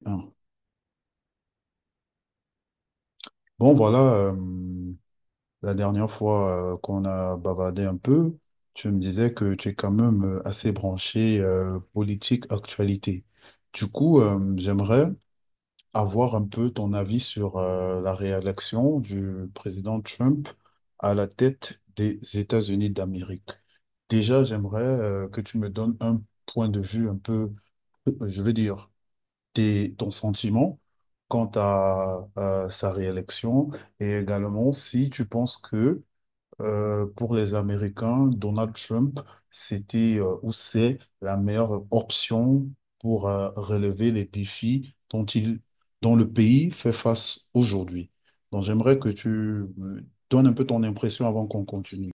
Bien. Bon, voilà, la dernière fois qu'on a bavardé un peu, tu me disais que tu es quand même assez branché politique actualité. Du coup, j'aimerais avoir un peu ton avis sur la réélection du président Trump à la tête des États-Unis d'Amérique. Déjà, j'aimerais que tu me donnes un point de vue un peu, je veux dire, ton sentiment quant à, sa réélection et également si tu penses que pour les Américains, Donald Trump, c'était ou c'est la meilleure option pour relever les défis dont le pays fait face aujourd'hui. Donc j'aimerais que tu me donnes un peu ton impression avant qu'on continue.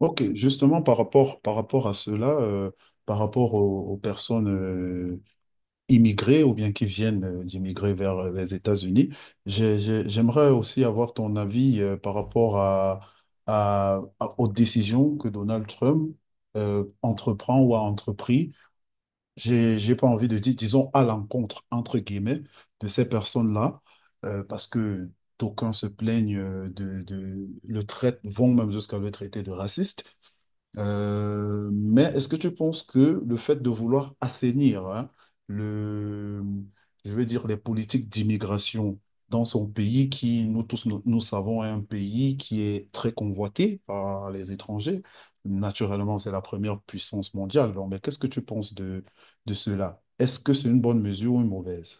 Ok, justement par rapport à cela, par rapport aux personnes immigrés ou bien qui viennent d'immigrer vers les États-Unis. J'aimerais aussi avoir ton avis par rapport à, aux décisions que Donald Trump entreprend ou a entrepris. J'ai pas envie de dire, disons, à l'encontre, entre guillemets, de ces personnes-là, parce que d'aucuns se plaignent de, le traite, vont même jusqu'à le traiter de raciste. Mais est-ce que tu penses que le fait de vouloir assainir, hein, le, je vais dire les politiques d'immigration dans son pays, qui nous tous, nous savons est un pays qui est très convoité par les étrangers, naturellement c'est la première puissance mondiale. Alors, mais qu'est-ce que tu penses de cela? Est-ce que c'est une bonne mesure ou une mauvaise?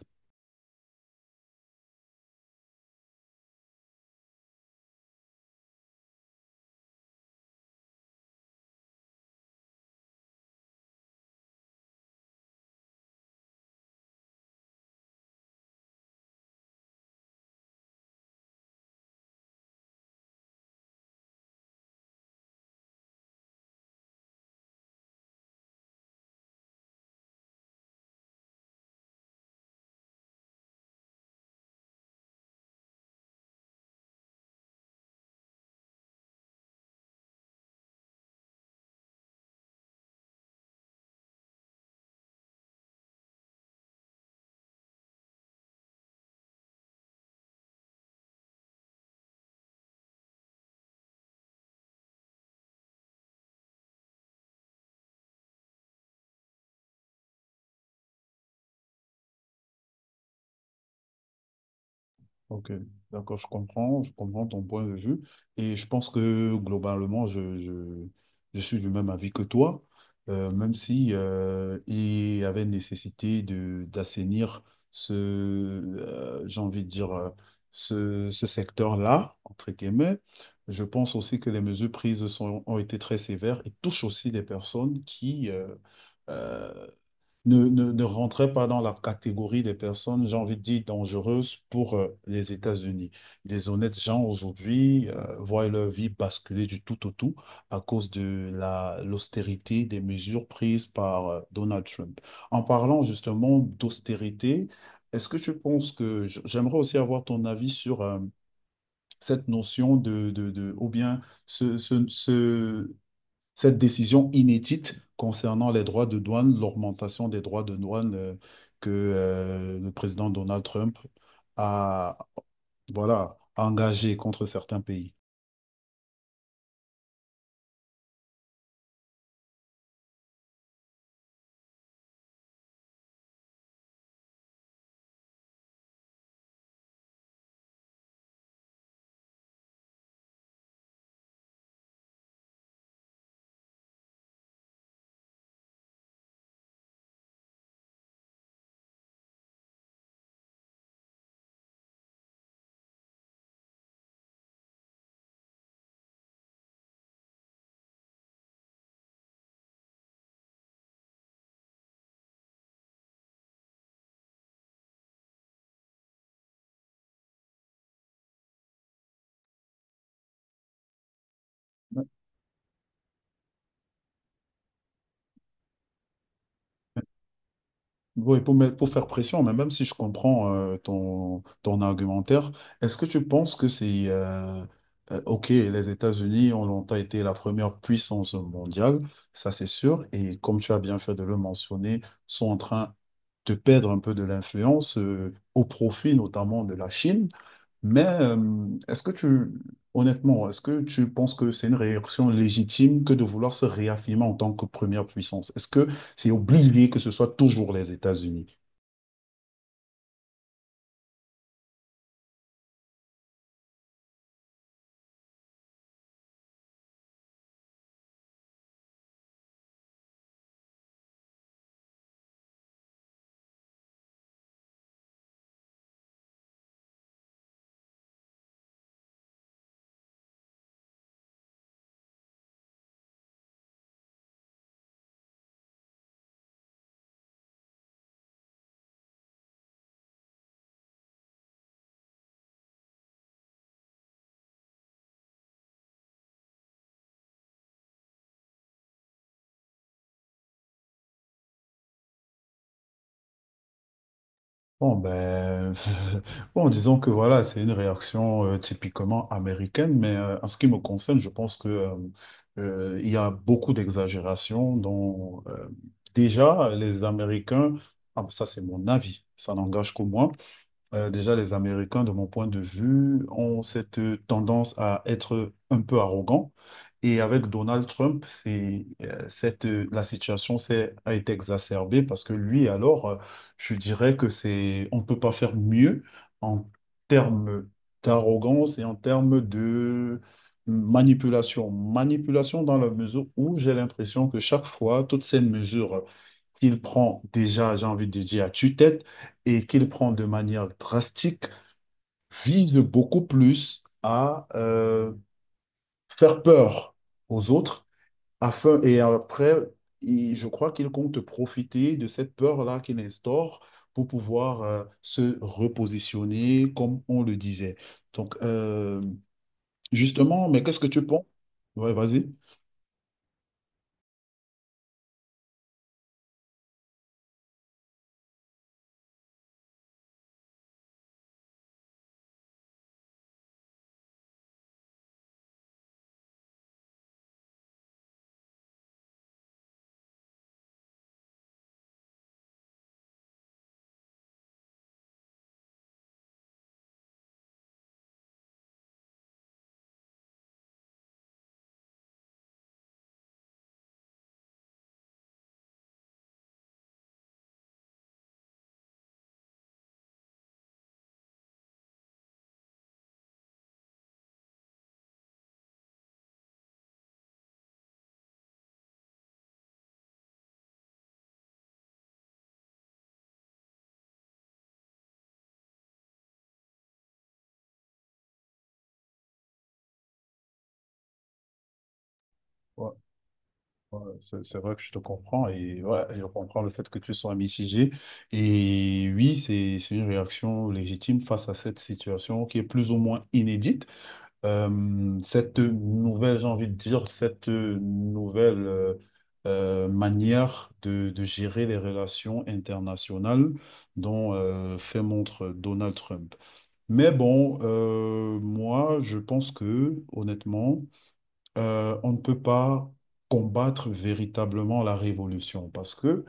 Ok, d'accord, je comprends ton point de vue et je pense que globalement, je suis du même avis que toi, même si il y avait nécessité de d'assainir ce, j'ai envie de dire, ce, ce secteur-là, entre guillemets. Je pense aussi que les mesures prises sont, ont été très sévères et touchent aussi des personnes qui, euh, ne rentrait pas dans la catégorie des personnes, j'ai envie de dire, dangereuses pour les États-Unis. Des honnêtes gens aujourd'hui voient leur vie basculer du tout au tout à cause de l'austérité des mesures prises par Donald Trump. En parlant justement d'austérité, est-ce que tu penses que j'aimerais aussi avoir ton avis sur cette notion de, ou bien ce, ce, ce- cette décision inédite concernant les droits de douane, l'augmentation des droits de douane que le président Donald Trump a, voilà, engagée contre certains pays. Oui, pour, pour faire pression, mais même si je comprends ton, ton argumentaire, est-ce que tu penses que c'est... ok, les États-Unis ont longtemps été la première puissance mondiale, ça c'est sûr, et comme tu as bien fait de le mentionner, sont en train de perdre un peu de l'influence au profit notamment de la Chine. Mais est-ce que tu, honnêtement, est-ce que tu penses que c'est une réaction légitime que de vouloir se réaffirmer en tant que première puissance? Est-ce que c'est obligé que ce soit toujours les États-Unis? Bon, ben, bon, disons que voilà, c'est une réaction typiquement américaine, mais en ce qui me concerne, je pense que il y a beaucoup d'exagération dont déjà les Américains, ah, ça c'est mon avis, ça n'engage que moi. Déjà, les Américains, de mon point de vue, ont cette tendance à être un peu arrogants. Et avec Donald Trump, la situation a été exacerbée parce que lui, alors, je dirais que c'est, on ne peut pas faire mieux en termes d'arrogance et en termes de manipulation. Manipulation dans la mesure où j'ai l'impression que chaque fois, toutes ces mesures qu'il prend déjà, j'ai envie de dire, à tue-tête, et qu'il prend de manière drastique vise beaucoup plus à faire peur aux autres afin et après je crois qu'il compte profiter de cette peur-là qu'il instaure pour pouvoir se repositionner comme on le disait. Donc justement, mais qu'est-ce que tu penses? Ouais, vas-y. Ouais, c'est vrai que je te comprends et ouais, je comprends le fait que tu sois mitigé. Et oui, c'est une réaction légitime face à cette situation qui est plus ou moins inédite. Cette nouvelle, j'ai envie de dire, cette nouvelle manière de gérer les relations internationales dont fait montre Donald Trump. Mais bon, moi, je pense que, honnêtement, on ne peut pas combattre véritablement la révolution parce que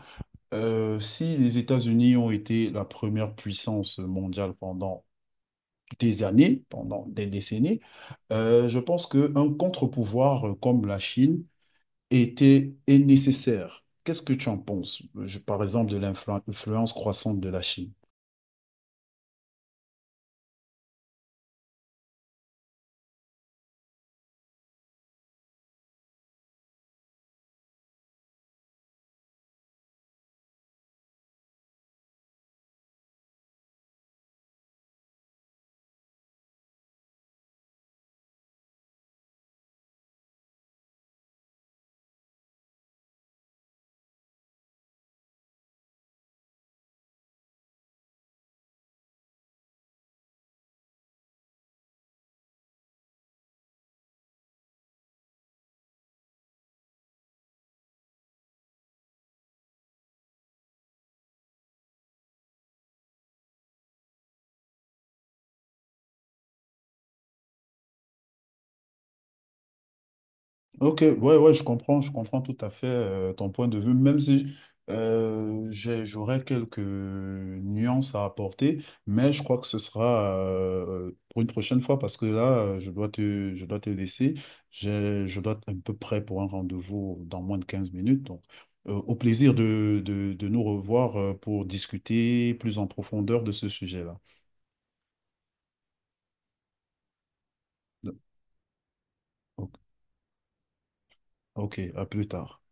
si les États-Unis ont été la première puissance mondiale pendant des années, pendant des décennies, je pense qu'un contre-pouvoir comme la Chine est nécessaire. Qu'est-ce que tu en penses? Par exemple, de l'influence croissante de la Chine? Ok, ouais, je comprends tout à fait ton point de vue, même si j'aurais quelques nuances à apporter, mais je crois que ce sera pour une prochaine fois parce que là, je dois te laisser. Je dois être un peu prêt pour un rendez-vous dans moins de 15 minutes. Donc, au plaisir de, de nous revoir pour discuter plus en profondeur de ce sujet-là. Donc, Ok, ok, à plus tard.